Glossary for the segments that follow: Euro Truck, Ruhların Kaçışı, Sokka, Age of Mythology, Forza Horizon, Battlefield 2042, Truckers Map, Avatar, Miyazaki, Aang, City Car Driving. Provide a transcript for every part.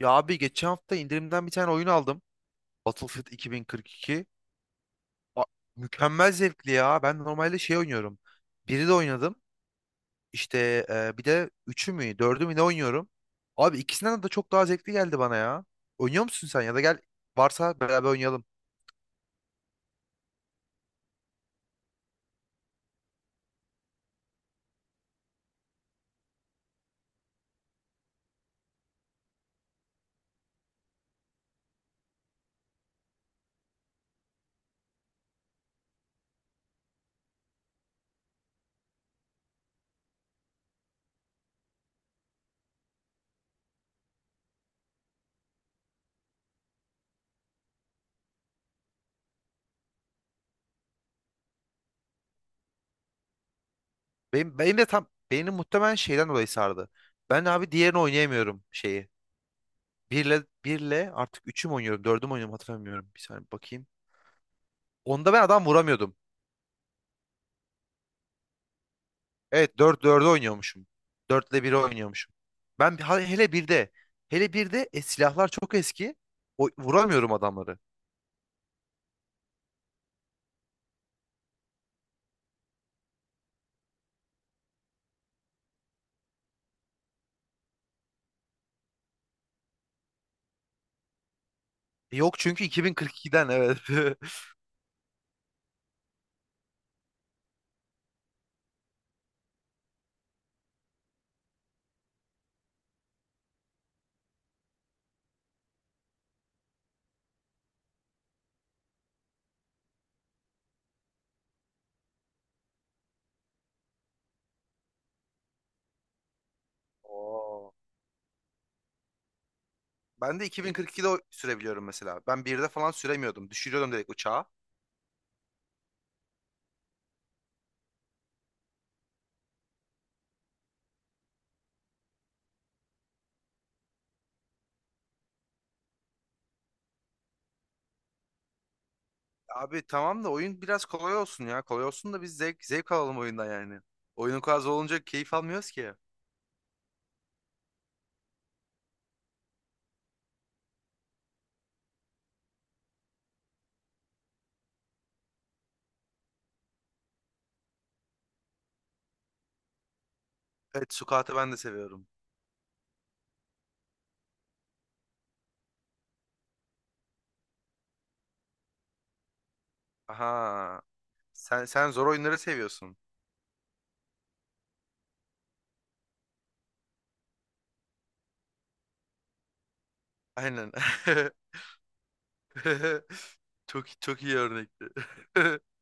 Ya abi geçen hafta indirimden bir tane oyun aldım. Battlefield 2042. A- Mükemmel zevkli ya. Ben normalde şey oynuyorum. Biri de oynadım. İşte bir de üçü mü, dördü mü ne oynuyorum. Abi ikisinden de çok daha zevkli geldi bana ya. Oynuyor musun sen ya da gel varsa beraber oynayalım. Benim, benim de tam benim muhtemelen şeyden dolayı sardı. Ben abi diğerini oynayamıyorum şeyi. Birle artık üçü mü oynuyorum, dördü mü oynuyorum hatırlamıyorum. Bir saniye bakayım. Onda ben adam vuramıyordum. Evet dört 4'e oynuyormuşum. 4 ile 1'e oynuyormuşum. Hele birde, hele birde silahlar çok eski. Vuramıyorum adamları. Yok çünkü 2042'den, evet. Oo. Ben de 2042'de sürebiliyorum mesela. Ben birde falan süremiyordum. Düşürüyordum direkt uçağa. Abi tamam da oyun biraz kolay olsun ya. Kolay olsun da biz zevk alalım oyundan yani. Oyunun kolay zor olunca keyif almıyoruz ki. Evet, sukatı ben de seviyorum. Aha. Sen zor oyunları seviyorsun. Aynen. Çok çok iyi örnekti.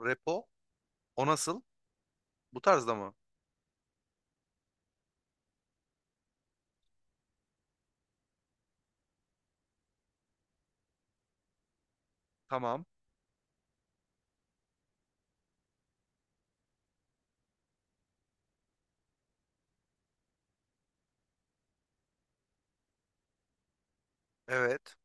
Repo, o nasıl? Bu tarzda mı? Tamam. Evet.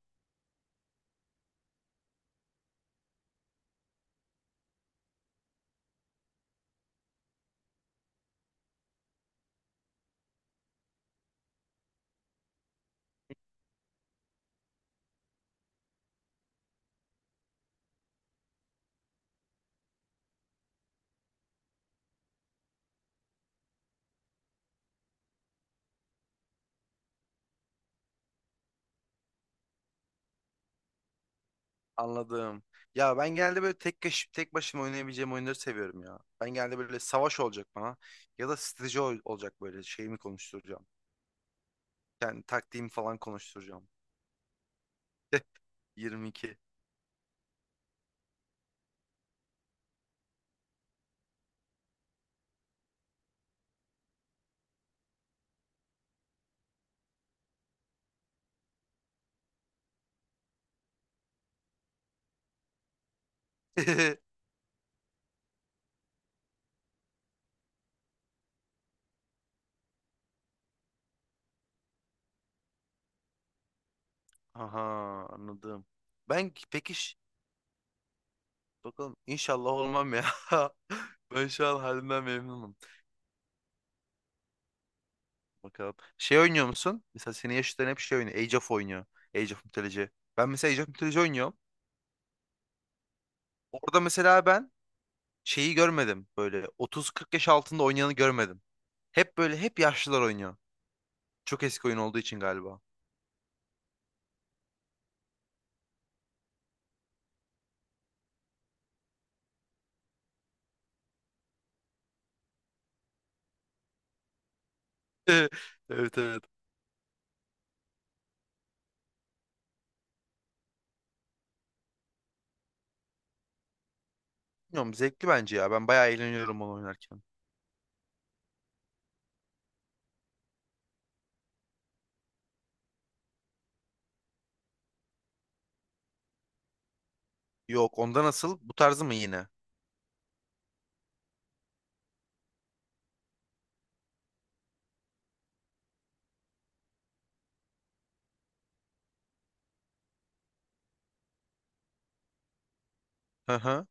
Anladım. Ya ben genelde böyle tek kişi, tek başıma oynayabileceğim oyunları seviyorum ya. Ben genelde böyle savaş olacak bana ya da strateji olacak, böyle şeyimi konuşturacağım. Yani taktiğimi falan konuşturacağım. 22. Aha, anladım. Ben peki ş- Bakalım, inşallah olmam ya. Ben şu an halimden memnunum. Bakalım. Şey oynuyor musun? Mesela senin yaşıtların hep şey oynuyor. Age of oynuyor. Age of Mythology. Ben mesela Age of Mythology oynuyorum. Orada mesela ben şeyi görmedim. Böyle 30-40 yaş altında oynayanı görmedim. Hep böyle hep yaşlılar oynuyor. Çok eski oyun olduğu için galiba. Evet, evet. Bilmiyorum, zevkli bence ya. Ben bayağı eğleniyorum onu oynarken. Yok, onda nasıl? Bu tarzı mı yine? Hı hı.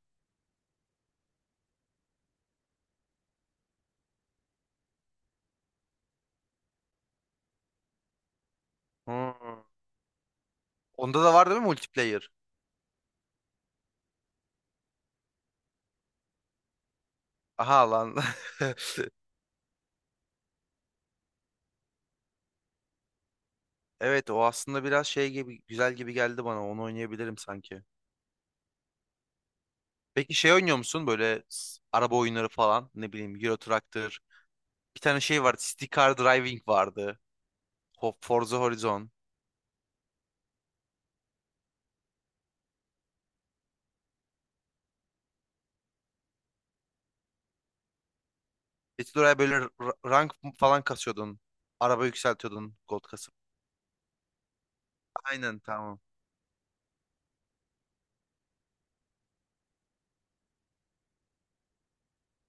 Hmm. Onda da var değil mi multiplayer? Aha lan. Evet, o aslında biraz şey gibi, güzel gibi geldi bana. Onu oynayabilirim sanki. Peki şey oynuyor musun böyle araba oyunları falan, ne bileyim, Euro Truck'tır. Bir tane şey vardı, City Car Driving vardı. Forza Horizon. Eti oraya böyle rank falan kasıyordun. Araba yükseltiyordun gold kasıp. Aynen, tamam.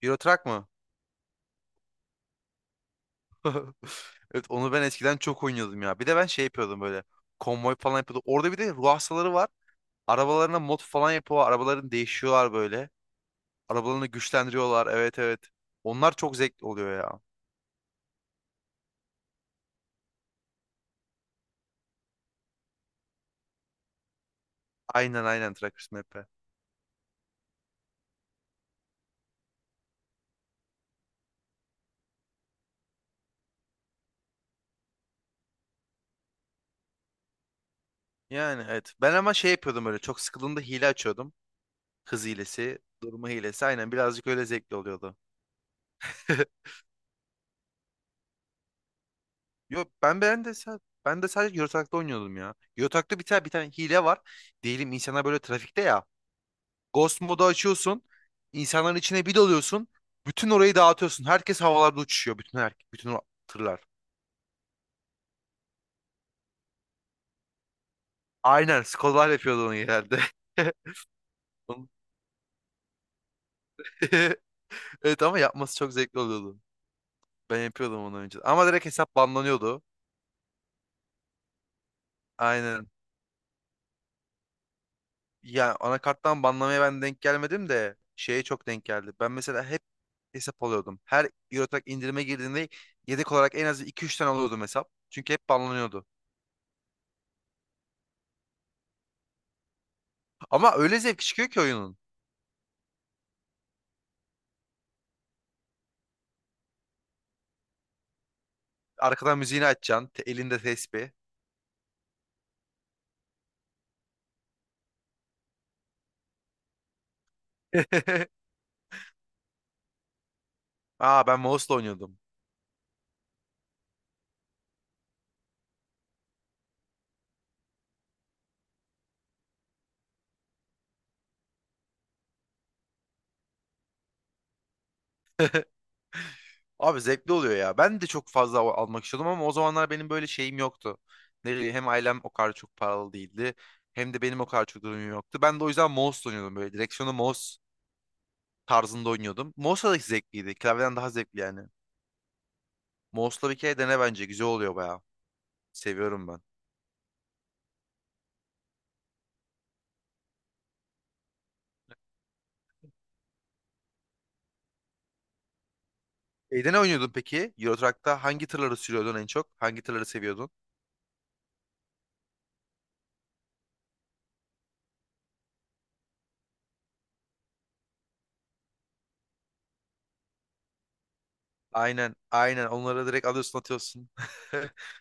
Euro Truck mı? Evet, onu ben eskiden çok oynuyordum ya. Bir de ben şey yapıyordum böyle. Konvoy falan yapıyordum. Orada bir de ruh hastaları var. Arabalarına mod falan yapıyorlar. Arabalarını değişiyorlar böyle. Arabalarını güçlendiriyorlar. Evet, evet. Onlar çok zevkli oluyor ya. Aynen, aynen, Truckers Map. Yani, evet. Ben ama şey yapıyordum böyle. Çok sıkıldığımda hile açıyordum. Hız hilesi, durma hilesi. Aynen, birazcık öyle zevkli oluyordu. Yok, ben de sadece Eurotrack'ta oynuyordum ya. Eurotrack'ta bir tane hile var. Diyelim insanlar böyle trafikte ya. Ghost modu açıyorsun. İnsanların içine bir dalıyorsun. Bütün orayı dağıtıyorsun. Herkes havalarda uçuşuyor. Bütün o tırlar. Aynen, Skolar yapıyordu onu genelde. Onu- Evet, ama yapması çok zevkli oluyordu. Ben yapıyordum onu önce. Ama direkt hesap banlanıyordu. Aynen. Ya, anakarttan banlamaya ben denk gelmedim de şeye çok denk geldi. Ben mesela hep hesap alıyordum. Her Eurotrack indirime girdiğinde yedek olarak en az iki üç tane alıyordum hesap. Çünkü hep banlanıyordu. Ama öyle zevk çıkıyor ki oyunun. Arkadan müziğini açacaksın, elinde tespih. Aa, ben mouse'la oynuyordum. Abi zevkli oluyor ya. Ben de çok fazla almak istiyordum ama o zamanlar benim böyle şeyim yoktu. Ne bileyim, hem ailem o kadar çok paralı değildi. Hem de benim o kadar çok durumum yoktu. Ben de o yüzden mouse oynuyordum böyle. Direksiyonu mouse tarzında oynuyordum. Mouse'la da zevkliydi. Klavyeden daha zevkli yani. Mouse'la bir kere dene bence. Güzel oluyor bayağı. Seviyorum ben. Şeyde ne oynuyordun peki? Euro Truck'ta hangi tırları sürüyordun en çok? Hangi tırları seviyordun? Aynen, aynen. Onları direkt alıyorsun, atıyorsun.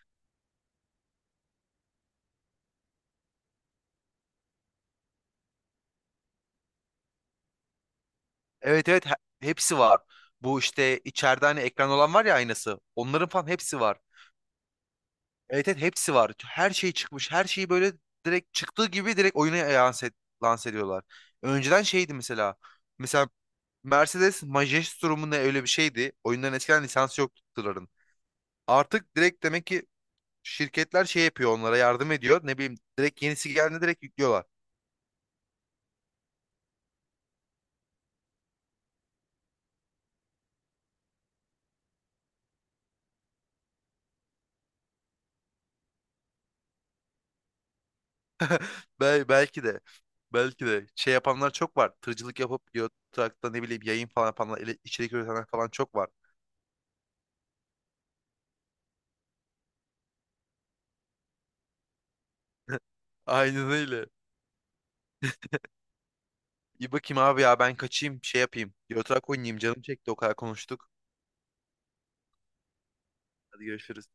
Evet, evet, hepsi var. Bu işte içeride hani ekran olan var ya, aynası. Onların falan hepsi var. Evet, evet, hepsi var. Her şey çıkmış. Her şeyi böyle direkt çıktığı gibi direkt oyuna lanse ediyorlar. Önceden şeydi mesela. Mesela Mercedes Majestrum mu ne, öyle bir şeydi. Oyunların eskiden lisansı yoktu tırların. Artık direkt demek ki şirketler şey yapıyor, onlara yardım ediyor. Ne bileyim, direkt yenisi geldiğinde direkt yüklüyorlar. Belki de belki de şey yapanlar çok var. Tırcılık yapıp trakta, ne bileyim, yayın falan yapanlar, içerik üretenler falan çok var. Aynen öyle. İyi bakayım abi, ya ben kaçayım, şey yapayım. Yotrak oynayayım, canım çekti o kadar konuştuk. Hadi görüşürüz.